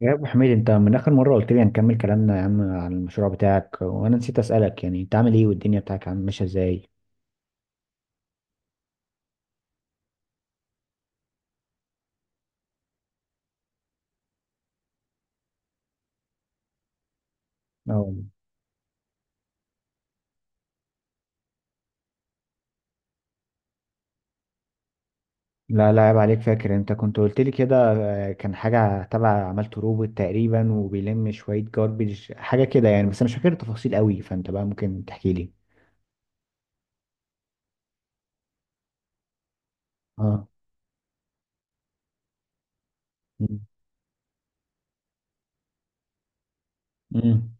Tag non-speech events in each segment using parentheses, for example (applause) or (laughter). يا ابو حميد، انت من اخر مره قلت لي هنكمل كلامنا يا عم عن المشروع بتاعك، وانا نسيت اسالك، يعني انت عامل ايه والدنيا بتاعك عم ماشيه ازاي؟ أو لا لا، عيب عليك، فاكر، انت كنت قلت لي كده. كان حاجه تبع عملت روبوت تقريبا وبيلم شويه جاربيج حاجه كده يعني، بس انا مش فاكر التفاصيل قوي، فانت بقى ممكن تحكي لي. اه. امم.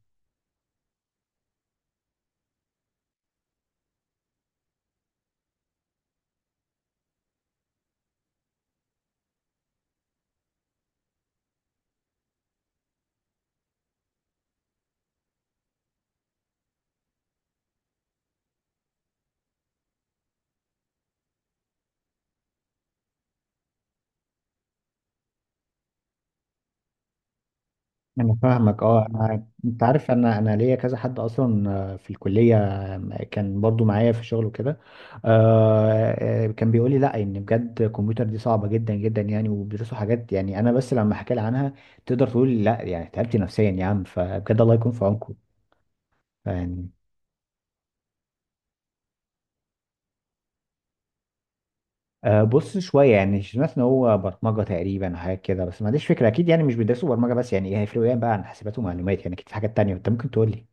انا فاهمك. اه انا، انت عارف، انا ليا كذا حد اصلا في الكليه، كان برضو معايا في الشغل وكده. كان بيقول لي لا، ان بجد الكمبيوتر دي صعبه جدا جدا يعني، وبيدرسوا حاجات، يعني انا بس لما احكي لها عنها تقدر تقول لا، يعني تعبت نفسيا يا عم، فبجد الله يكون في عونكم يعني. بص شويه، يعني سمعت ان هو برمجه تقريبا حاجه كده، بس ما عنديش فكره اكيد، يعني مش بيدرسوا برمجه بس يعني، إيه هيفرقوا ايه بقى عن حاسبات ومعلومات؟ يعني اكيد في حاجات تانية، انت ممكن تقول لي.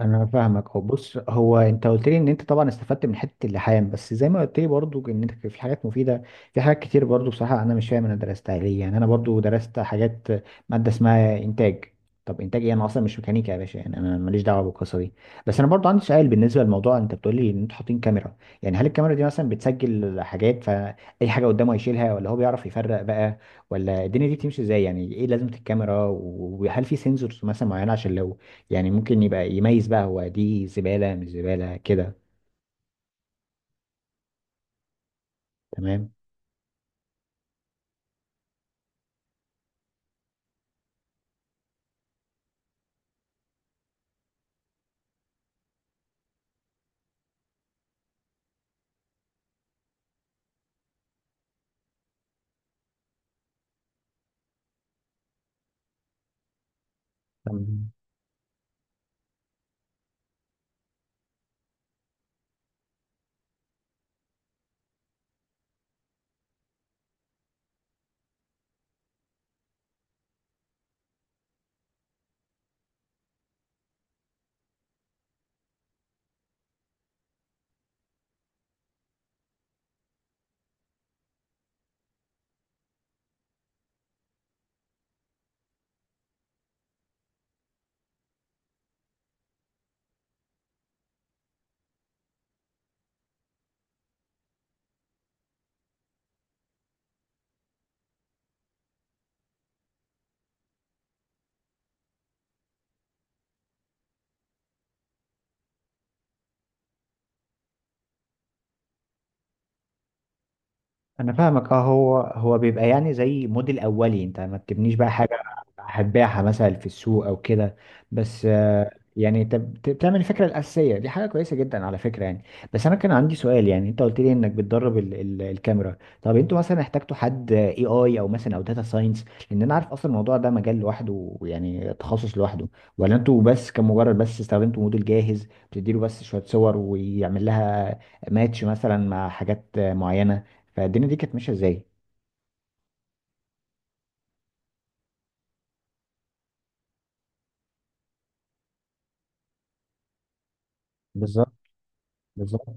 انا فاهمك. هو بص، هو انت قلت لي ان انت طبعا استفدت من حته اللحام، بس زي ما قلت لي برضو ان انت في حاجات مفيده، في حاجات كتير برضو، بصراحه انا مش فاهم انا درستها ليه، يعني انا برضو درست حاجات، ماده اسمها انتاج. طب انتاج ايه؟ انا اصلا مش ميكانيكا يا باشا، يعني انا ماليش دعوه بالقصه دي. بس انا برضو عندي سؤال بالنسبه للموضوع، انت بتقول لي ان انتوا حاطين كاميرا، يعني هل الكاميرا دي مثلا بتسجل حاجات؟ فاي حاجه قدامه هيشيلها، ولا هو بيعرف يفرق بقى، ولا الدنيا دي بتمشي ازاي؟ يعني ايه لازمه الكاميرا، وهل في سنسورز مثلا معينه عشان لو يعني ممكن يبقى يميز بقى هو دي زبالة مش زبالة كده؟ تمام. تمام. انا فاهمك. اه، هو بيبقى يعني زي موديل اولي، انت ما بتبنيش بقى حاجه هتبيعها مثلا في السوق او كده، بس يعني انت بتعمل الفكره الاساسيه دي حاجه كويسه جدا على فكره يعني. بس انا كان عندي سؤال، يعني انت قلت لي انك بتدرب ال ال الكاميرا، طب انتوا مثلا احتجتوا حد اي اي او مثلا او داتا ساينس؟ لان انا عارف اصلا الموضوع ده مجال لوحده، يعني تخصص لوحده. ولا انتوا بس، كمجرد بس استخدمتوا موديل جاهز بتديله بس شويه صور ويعمل لها ماتش مثلا مع حاجات معينه؟ فالدنيا دي كانت ماشيه ازاي؟ بالظبط. بالظبط.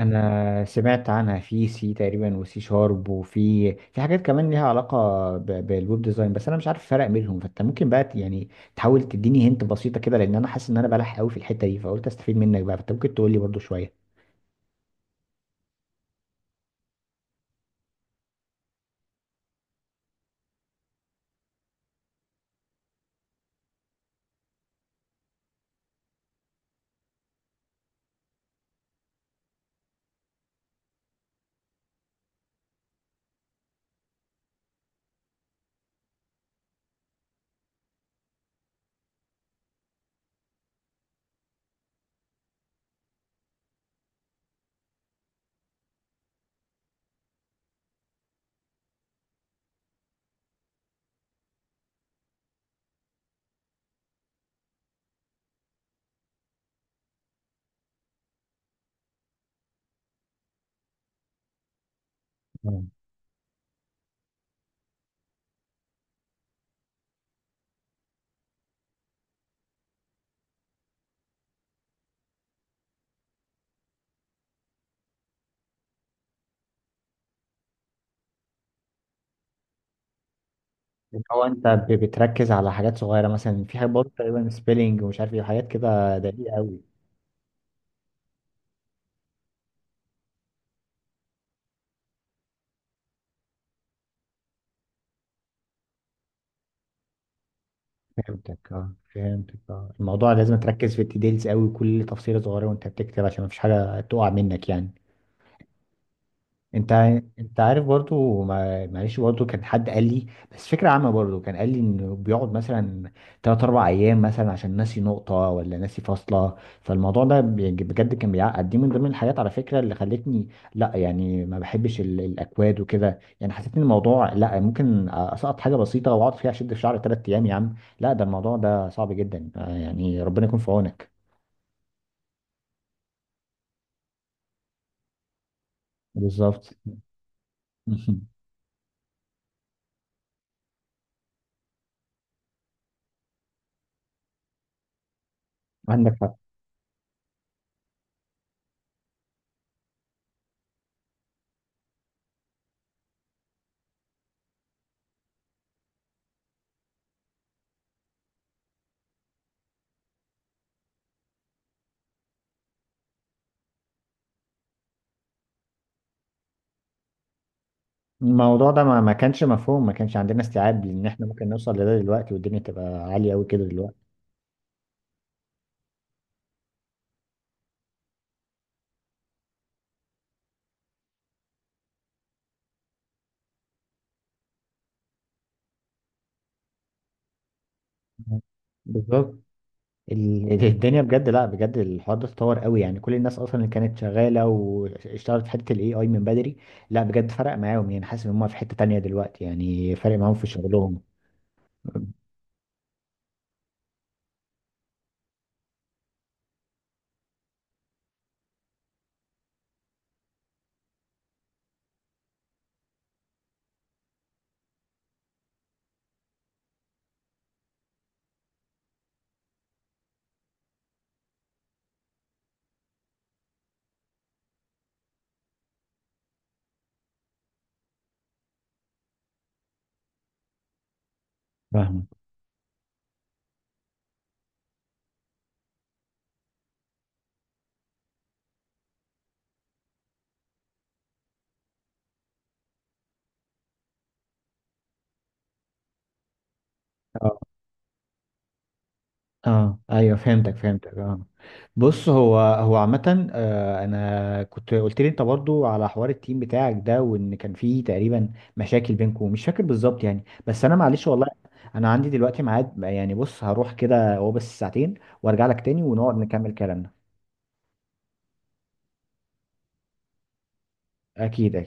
انا سمعت عنها، في سي تقريبا، وسي شارب، وفي حاجات كمان ليها علاقه بالويب ديزاين، بس انا مش عارف الفرق بينهم، فانت ممكن بقى يعني تحاول تديني هنت بسيطه كده، لان انا حاسس ان انا بلح قوي في الحته دي، فقلت استفيد منك بقى، فانت ممكن تقول لي برضو شويه. آه. اللي هو انت بتركز على حاجات صغيره، مثلا في حاجات برضو تقريبا سبيلنج ومش عارف ايه وحاجات كده دقيقه قوي. فهمتك. اه فهمتك. اه، الموضوع لازم تركز في الديتيلز قوي، كل تفصيلة صغيرة وانت بتكتب عشان مفيش حاجة تقع منك يعني. انت انت عارف برضو، معلش، برضو كان حد قال لي، بس فكرة عامة، برضو كان قال لي انه بيقعد مثلا تلات اربع ايام مثلا عشان ناسي نقطة ولا ناسي فاصلة، فالموضوع ده بجد كان بيعقد. دي من ضمن الحاجات على فكرة اللي خلتني لا، يعني ما بحبش الاكواد وكده، يعني حسيت ان الموضوع لا، ممكن اسقط حاجة بسيطة واقعد فيها اشد في شعري 3 ايام يا عم، لا ده الموضوع ده صعب جدا، يعني ربنا يكون في عونك. بالظبط. (laughs) عندك الموضوع ده ما كانش مفهوم، ما كانش عندنا استيعاب، لان احنا ممكن نوصل لده دلوقتي والدنيا تبقى عالية قوي كده دلوقتي. بالظبط. الدنيا بجد، لا بجد الحوار ده اتطور قوي، يعني كل الناس اصلا اللي كانت شغاله واشتغلت في حته الاي اي من بدري، لا بجد فرق معاهم، يعني حاسس ان هم في حته تانية دلوقتي، يعني فرق معاهم في شغلهم. فاهمك. اه ايوه فهمتك. فهمتك اه. بص، هو عامة، انا كنت قلت لي انت برضو على حوار التيم بتاعك ده، وان كان فيه تقريبا مشاكل بينكم، مش فاكر بالظبط يعني، بس انا معلش والله انا عندي دلوقتي ميعاد يعني، بص هروح كده هو بس ساعتين وارجع لك تاني ونقعد نكمل كلامنا. اكيد اكيد.